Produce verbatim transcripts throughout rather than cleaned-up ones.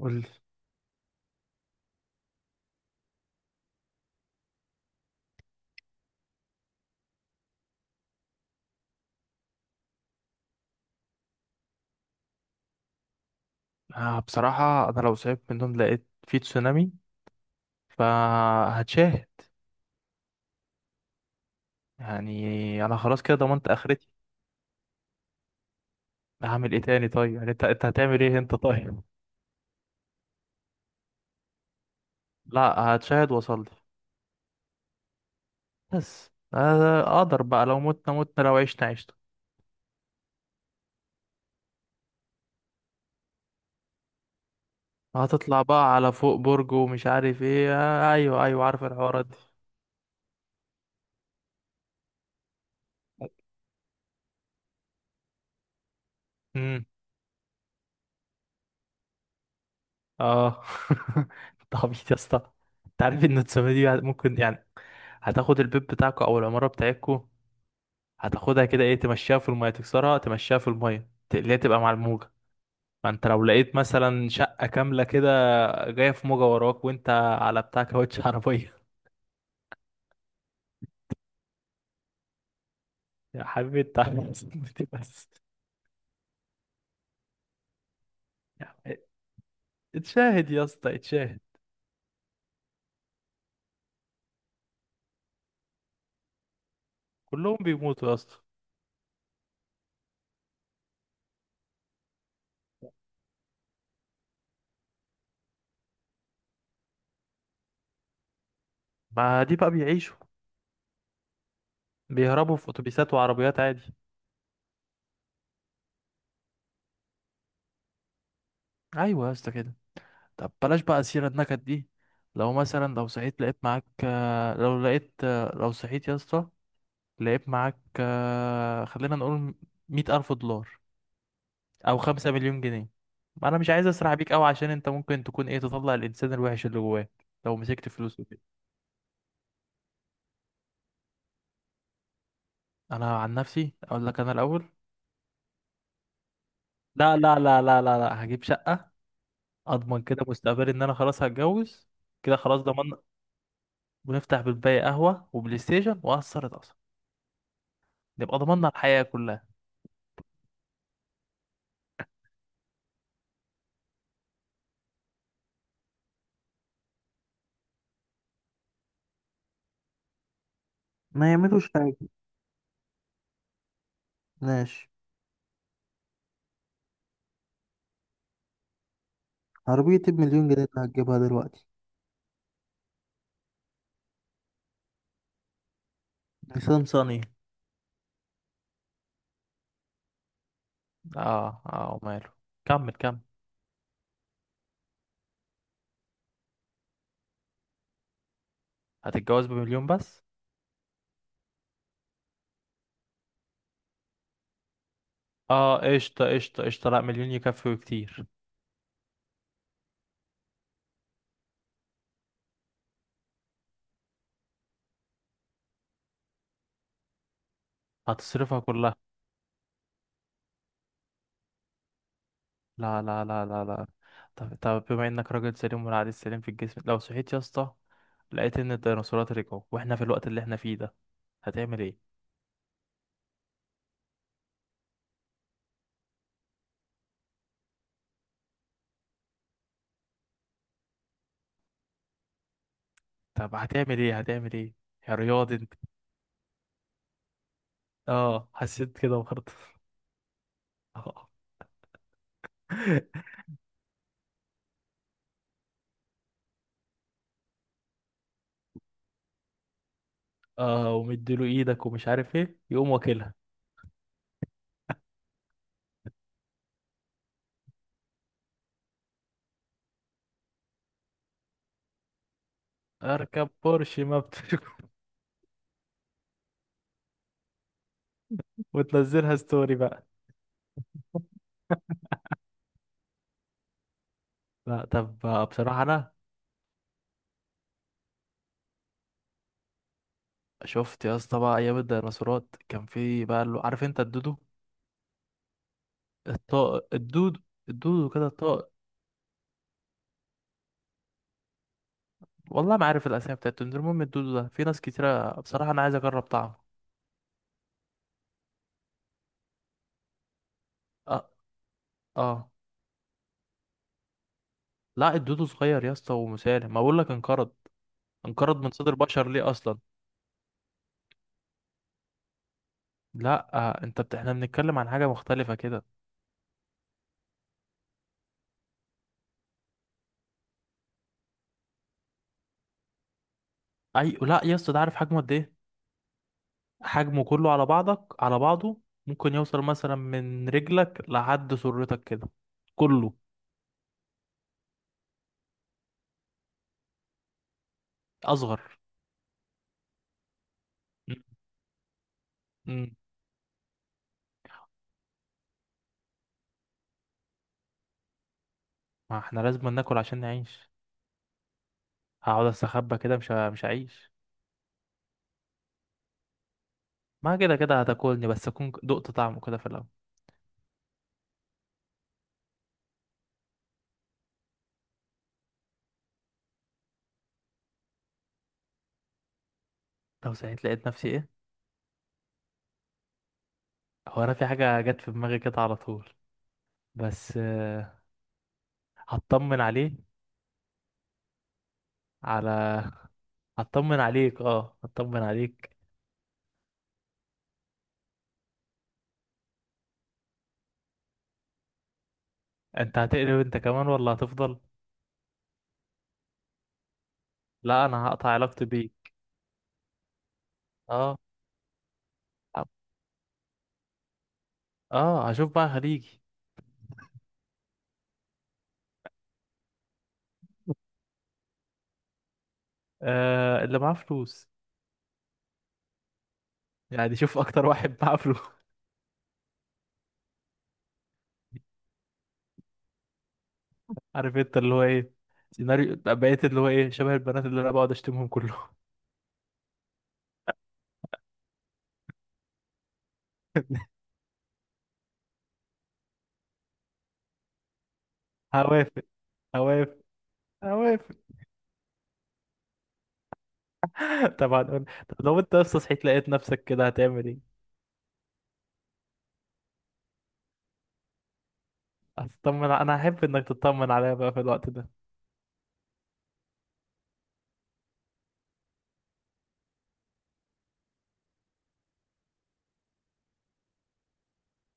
قول لي. آه بصراحة أنا لو صعبت منهم لقيت في تسونامي، فهتشاهد. يعني أنا خلاص كده ضمنت آخرتي. هعمل إيه تاني؟ طيب يعني أنت أنت هتعمل إيه أنت؟ طيب لا، هتشاهد وأصلي. بس آه، أقدر بقى، لو متنا متنا لو عشنا عشنا. هتطلع بقى على فوق برج ومش عارف إيه، آه أيوه أيوه عارف الحوارات دي. امم. أه. أنت عبيط يا اسطى. أنت عارف إن التسونامي دي ممكن يعني هتاخد البيت بتاعكوا أو العمارة بتاعتكوا، هتاخدها كده ايه، تمشيها في المية تكسرها، تمشيها في المية تقليها تبقى مع الموجة. فانت لو لقيت مثلا شقة كاملة كده جاية في موجة وراك، وانت على بتاع كاوتش عربية. يا حبيبي انت عامل صدمتي بس. يعني اتشاهد يا اسطى، اتشاهد. كلهم بيموتوا يا اسطى. ما دي بقى بيعيشوا، بيهربوا في اتوبيسات وعربيات عادي. ايوه يا اسطى كده. طب بلاش بقى سيرة النكد دي. لو مثلا لو صحيت لقيت معاك آه، لو لقيت آه، لو صحيت يا اسطى لعيب معاك، آه، خلينا نقول مية ألف دولار أو خمسة مليون جنيه. ما أنا مش عايز أسرح بيك أوي، عشان أنت ممكن تكون إيه، تطلع الإنسان الوحش اللي جواك لو مسكت فلوس وكده. أنا عن نفسي أقول لك أنا الأول. لا لا لا لا لا لا، هجيب شقة أضمن كده مستقبلي، إن أنا خلاص هتجوز. كده خلاص ضمن. ونفتح بالباقي قهوة وبلاي ستيشن وأثر اتأثر. نبقى ضمننا الحياة كلها. ما يعملوش حاجة. ماشي. عربية بمليون جنيه اللي هتجيبها دلوقتي؟ نيسان صني. اه اه وماله، كمل كمل. هتتجوز بمليون بس؟ اه قشطة قشطة قشطة، لا مليون يكفي وكتير. هتصرفها كلها. لا لا لا لا لا. طب طب بما انك راجل سليم والعقل السليم في الجسم، لو صحيت يا اسطى لقيت ان الديناصورات رجعوا واحنا في الوقت اللي احنا فيه ده، هتعمل ايه؟ طب هتعمل ايه؟ هتعمل ايه؟ يا رياض انت! اه حسيت كده برضه. اه. اه ومديله ايدك ومش عارف ايه، يقوم واكلها. اركب بورش ما بتشوف. وتنزلها ستوري بقى. لا طب. بصراحة أنا، شفت يا اسطى بقى أيام الديناصورات كان في بقى اللي عارف أنت الدودو؟ الطائر الدودو. الدودو كده الطائر. والله ما عارف الأسامي بتاعته، المهم الدودو ده في ناس كتيرة بصراحة أنا عايز أجرب طعمه. أه. أه. لا الدودو صغير يا اسطى ومسالم، ما بقول لك انقرض. انقرض من صدر بشر ليه أصلا. لا آه أنت بت... إحنا بنتكلم عن حاجة مختلفة كده. أي لا يا اسطى، ده عارف حجمه قد إيه؟ حجمه كله على بعضك على بعضه ممكن يوصل مثلا من رجلك لحد سرتك كده، كله. اصغر. امم. ما احنا لازم ناكل عشان نعيش. هقعد استخبى كده، مش ه- مش هعيش. ما كده كده هتاكلني، بس اكون دقت طعمه كده في الاول. لو سعيت لقيت نفسي ايه؟ هو انا في حاجه جت في دماغي كده على طول، بس آه، هطمن عليه. على. هطمن عليك، اه هطمن عليك. انت هتقلب انت كمان ولا هتفضل؟ لا انا هقطع علاقتي بيك. اه. اه هشوف بقى خليجي. آه، اللي معاه فلوس. يعني شوف اكتر واحد معاه فلوس. عارف انت اللي هو ايه، سيناريو بقيت اللي هو ايه شبه البنات اللي انا بقعد اشتمهم كلهم. هوافق. هوافق. هوافق. طبعا. قول- طب لو انت اصلا صحيت لقيت نفسك كده هتعمل ايه؟ هتطمن، انا احب انك تطمن عليا بقى في الوقت ده.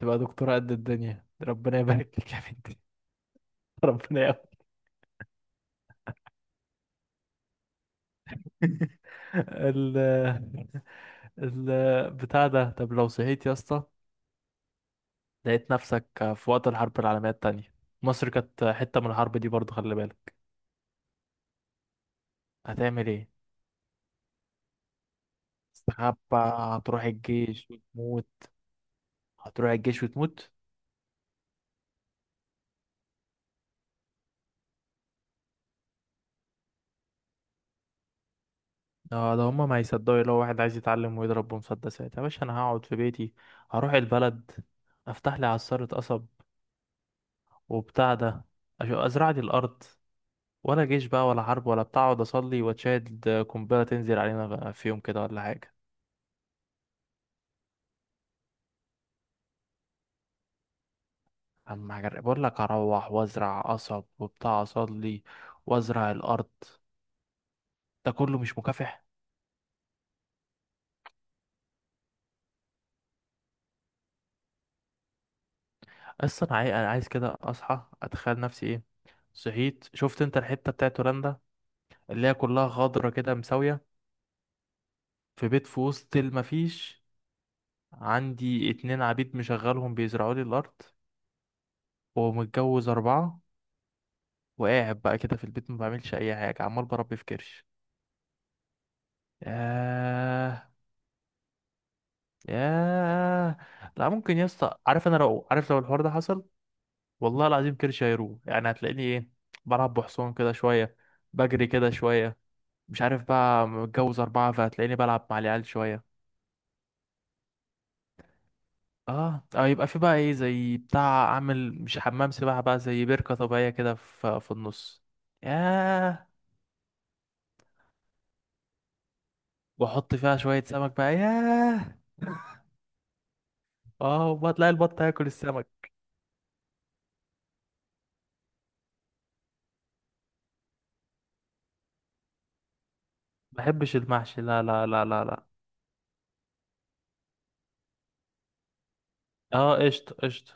تبقى دكتورة قد الدنيا، ربنا يبارك لك يا بنتي. ربنا يا. ال، ال بتاع ده. طب لو صحيت يا اسطى لقيت نفسك في وقت الحرب العالمية التانية، مصر كانت حتة من الحرب دي برضه خلي بالك، هتعمل ايه؟ استخبى؟ هتروح الجيش وتموت. هتروح الجيش وتموت. اه ده هما ما هيصدقوا لو واحد عايز يتعلم ويضرب بمسدسات. يا باشا انا هقعد في بيتي، هروح البلد افتح لي عصارة قصب وبتاع ده، أش- ازرع لي الارض، ولا جيش بقى ولا حرب ولا بتاع، اقعد اصلي واتشاهد قنبلة تنزل علينا بقى في يوم كده ولا حاجة. اما هجر- بقول لك اروح وازرع قصب وبتاع اصلي، وازرع الارض، ده كله مش مكافح. اصلا عاي- انا عايز كده اصحى اتخيل نفسي ايه، صحيت شفت انت الحتة بتاعت هولندا اللي هي كلها خضرة كده مساوية، في بيت في وسط المفيش، عندي اتنين عبيد مشغلهم بيزرعوا لي الأرض، ومتجوز أربعة، وقاعد بقى كده في البيت ما بعملش أي حاجة، عمال بربي في كرش. ياه. ياه. لا ممكن يا اسطى، عارف أنا لو عارف لو الحوار ده حصل، والله العظيم كرش هيروح، يعني هتلاقيني إيه، بلعب بحصان كده شوية، بجري كده شوية، مش عارف بقى متجوز أربعة فهتلاقيني بلعب مع العيال شوية. اه اه، يبقى في بقى ايه، زي بتاع اعمل مش حمام سباحة بقى زي بركة طبيعية كده في في النص. ياه. واحط فيها شوية سمك بقى، ياه. اه وتلاقي البط هياكل السمك. ما بحبش المحشي، لا لا لا لا لا. اه قشطة قشطة.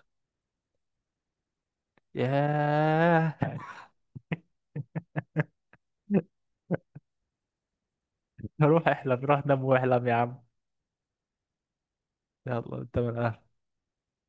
ياه. روح احلم، روح نام واحلم يا عم. يلا انت من أهلك.